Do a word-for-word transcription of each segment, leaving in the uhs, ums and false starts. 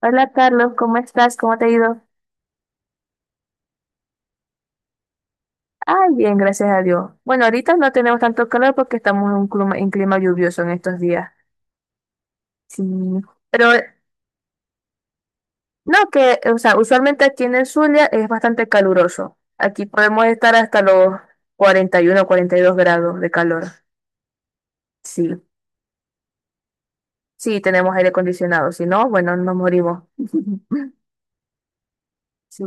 Hola Carlos, ¿cómo estás? ¿Cómo te ha ido? Ay, bien, gracias a Dios. Bueno, ahorita no tenemos tanto calor porque estamos en un clima, en clima lluvioso en estos días. Sí. Pero no, que, o sea, usualmente aquí en el Zulia es bastante caluroso. Aquí podemos estar hasta los cuarenta y uno o cuarenta y dos grados de calor. Sí, sí, tenemos aire acondicionado. Si no, bueno, nos morimos. Sí.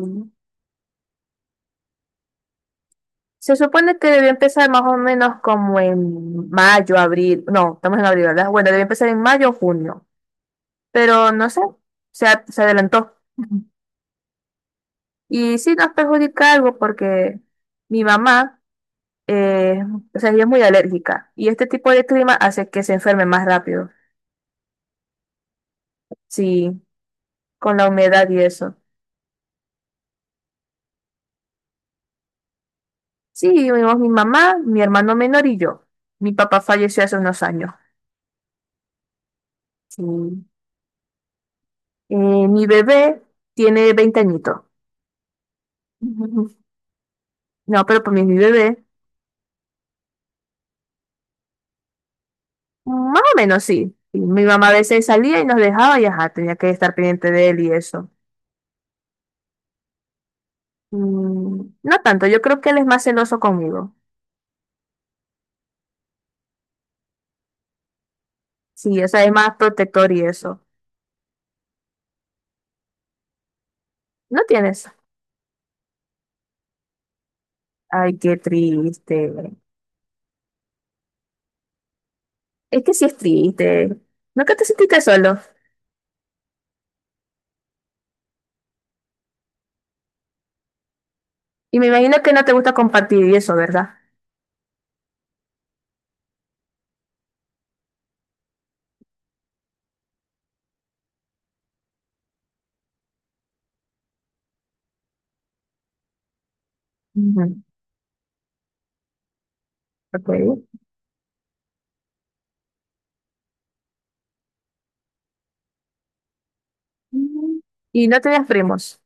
Se supone que debió empezar más o menos como en mayo, abril. No, estamos en abril, ¿verdad? Bueno, debió empezar en mayo o junio. Pero no sé, se, a- se adelantó. Y sí nos perjudica algo porque mi mamá, eh, o sea, ella es muy alérgica y este tipo de clima hace que se enferme más rápido, sí, con la humedad y eso. Sí, vivimos mi mamá, mi hermano menor y yo. Mi papá falleció hace unos años. Sí. Eh, mi bebé tiene veinte añitos. Ujú. No, pero pues mi mi bebé, más o menos sí. Y mi mamá a veces salía y nos dejaba y ajá, tenía que estar pendiente de él y eso. Mm, no tanto, yo creo que él es más celoso conmigo. Sí, o sea, es más protector y eso. No tienes. Ay, qué triste. Es que sí es triste. Nunca te sentiste solo. Y me imagino que no te gusta compartir y eso, ¿verdad? Ujú, ok. Mm. Y no tenías primos.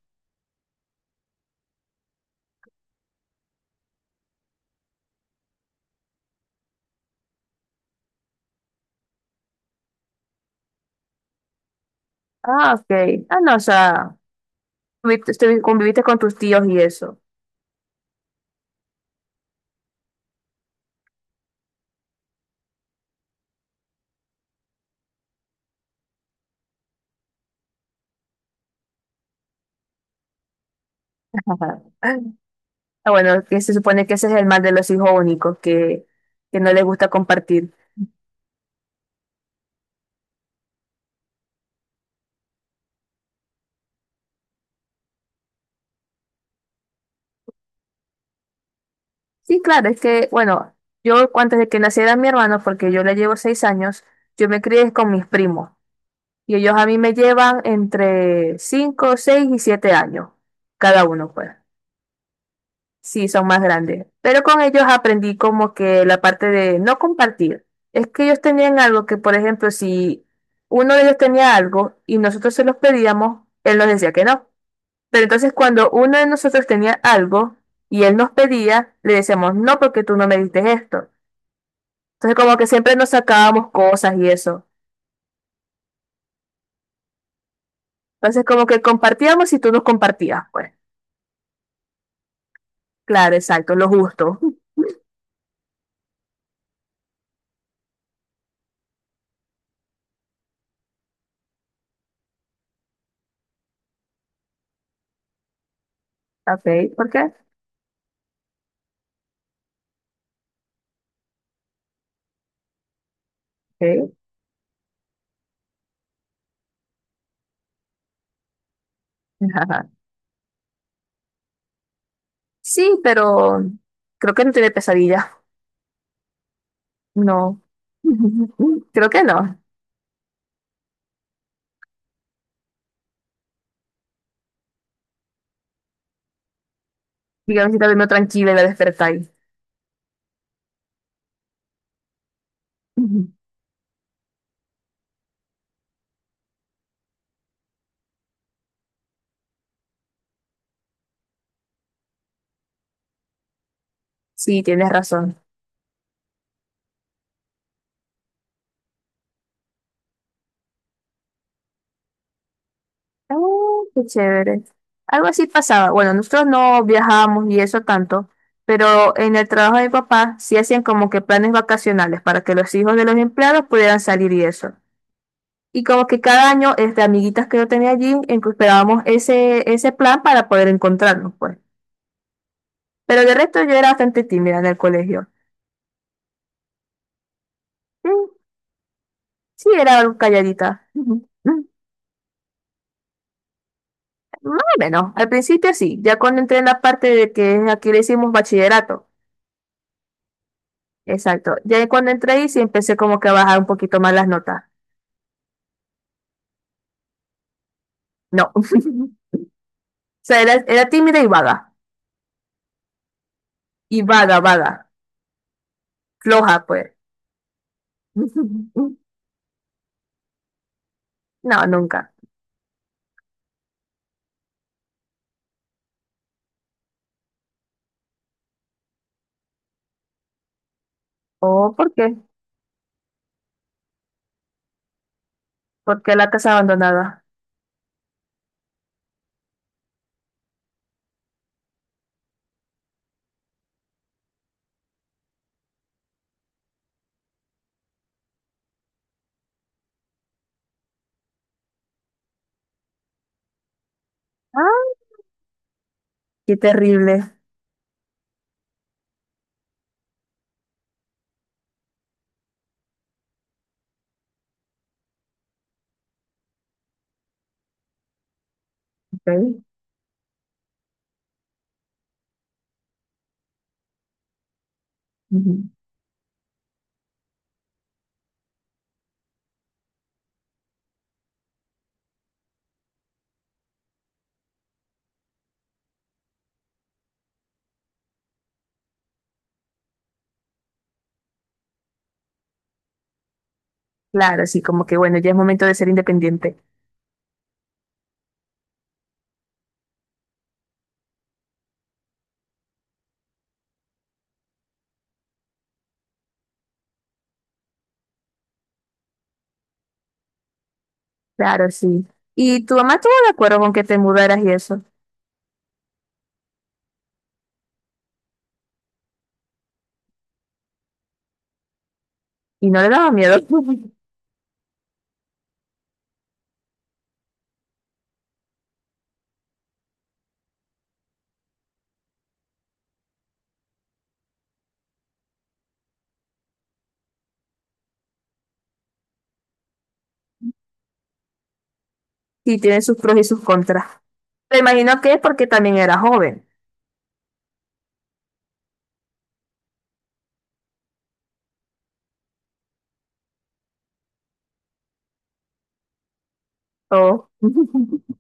Ah, ok. Ah, no, o sea, conviviste, estuvi- conviviste con tus tíos y eso. Ajá. Ah, bueno, que se supone que ese es el mal de los hijos únicos, que, que no les gusta compartir. Sí, claro, es que, bueno, yo antes de que naciera mi hermano, porque yo le llevo seis años, yo me crié con mis primos y ellos a mí me llevan entre cinco, seis y siete años, cada uno, pues. Sí, son más grandes. Pero con ellos aprendí como que la parte de no compartir. Es que ellos tenían algo que, por ejemplo, si uno de ellos tenía algo y nosotros se los pedíamos, él nos decía que no. Pero entonces cuando uno de nosotros tenía algo y él nos pedía, le decíamos, no, porque tú no me diste esto. Entonces como que siempre nos sacábamos cosas y eso. Entonces como que compartíamos y tú nos compartías, pues. Claro, exacto, lo justo. Ok, ¿por qué? Ok. Ajá. Sí, pero creo que no tiene pesadillas. No. Creo que no. Digamos que está durmiendo tranquila y la despertáis. Sí, tienes razón. Oh, qué chévere. Algo así pasaba. Bueno, nosotros no viajábamos y eso tanto, pero en el trabajo de mi papá sí hacían como que planes vacacionales para que los hijos de los empleados pudieran salir y eso. Y como que cada año, este, amiguitas que yo tenía allí, en que esperábamos ese, ese plan para poder encontrarnos, pues. Pero de resto yo era bastante tímida en el colegio. Sí, sí, era algo calladita. Ujú. Mm, más o menos. Al principio sí, ya cuando entré en la parte de que aquí le hicimos bachillerato. Exacto. Ya cuando entré ahí sí empecé como que a bajar un poquito más las notas. No. O sea, era, era tímida y vaga. Y vaga, vaga. Floja, pues. No, nunca. Oh, ¿por qué? ¿Por qué la casa abandonada? Ah, qué terrible. Ok. Ujú. Claro, sí, como que bueno, ya es momento de ser independiente. Claro, sí. ¿Y tu mamá estuvo de acuerdo con que te mudaras y eso? ¿Y no le daba miedo? Sí, tiene sus pros y sus contras. Me imagino que es porque también era joven. Oh.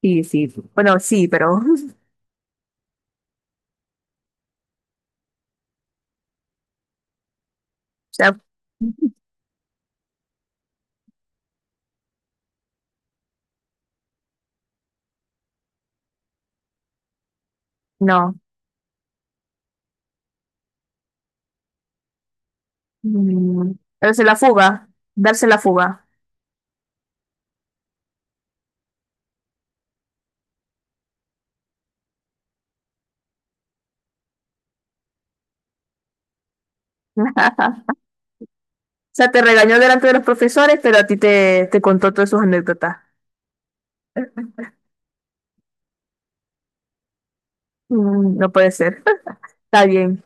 Sí, sí. Bueno, sí, pero, o sea, no. Mm, darse la fuga, darse la fuga. O sea, te regañó delante de los profesores, pero a ti te, te contó todas sus anécdotas. Mm, no puede ser. Está bien.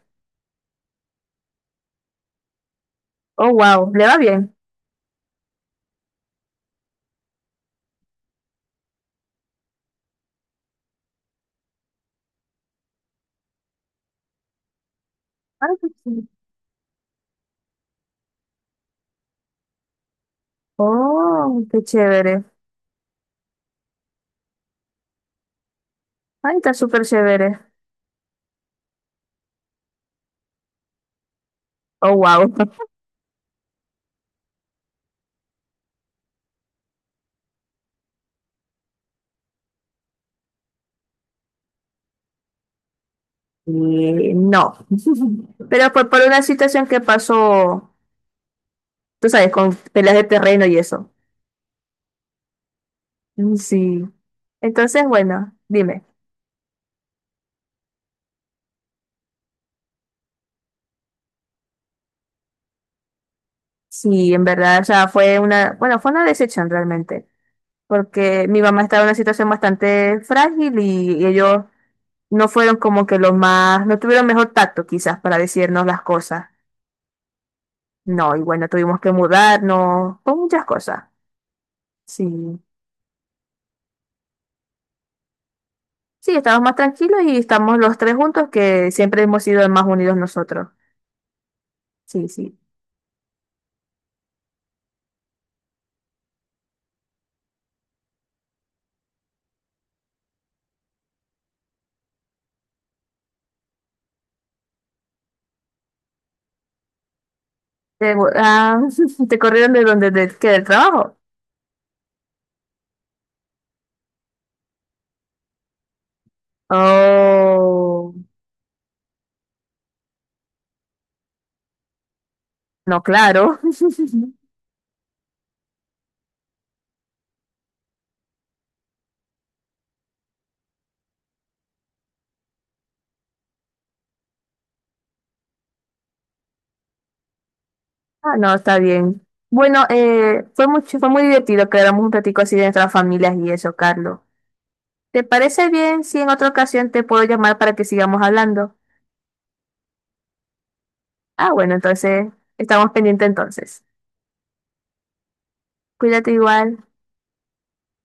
Oh, wow, le va bien. Ay, qué chévere. Oh, qué chévere. Ay, está súper chévere. Oh, wow. Eh, no. Pero por, por una situación que pasó, tú sabes, con peleas de terreno y eso. Mm, sí. Entonces, bueno, dime. Sí, en verdad, o sea, fue una, bueno, fue una decepción realmente, porque mi mamá estaba en una situación bastante frágil y, y ellos no fueron como que los más, no tuvieron mejor tacto quizás para decirnos las cosas. No, y bueno, tuvimos que mudarnos, con muchas cosas. Sí, sí, estamos más tranquilos y estamos los tres juntos que siempre hemos sido más unidos nosotros. Sí, sí. Te, bu- ah, ¿te corrieron de donde, de, qué, del trabajo? Oh, no, claro. Ah, no, está bien. Bueno, eh, fue mucho, fue muy divertido quedarnos un ratico así de nuestras familias y eso, Carlos. ¿Te parece bien si en otra ocasión te puedo llamar para que sigamos hablando? Ah, bueno, entonces estamos pendientes entonces. Cuídate igual.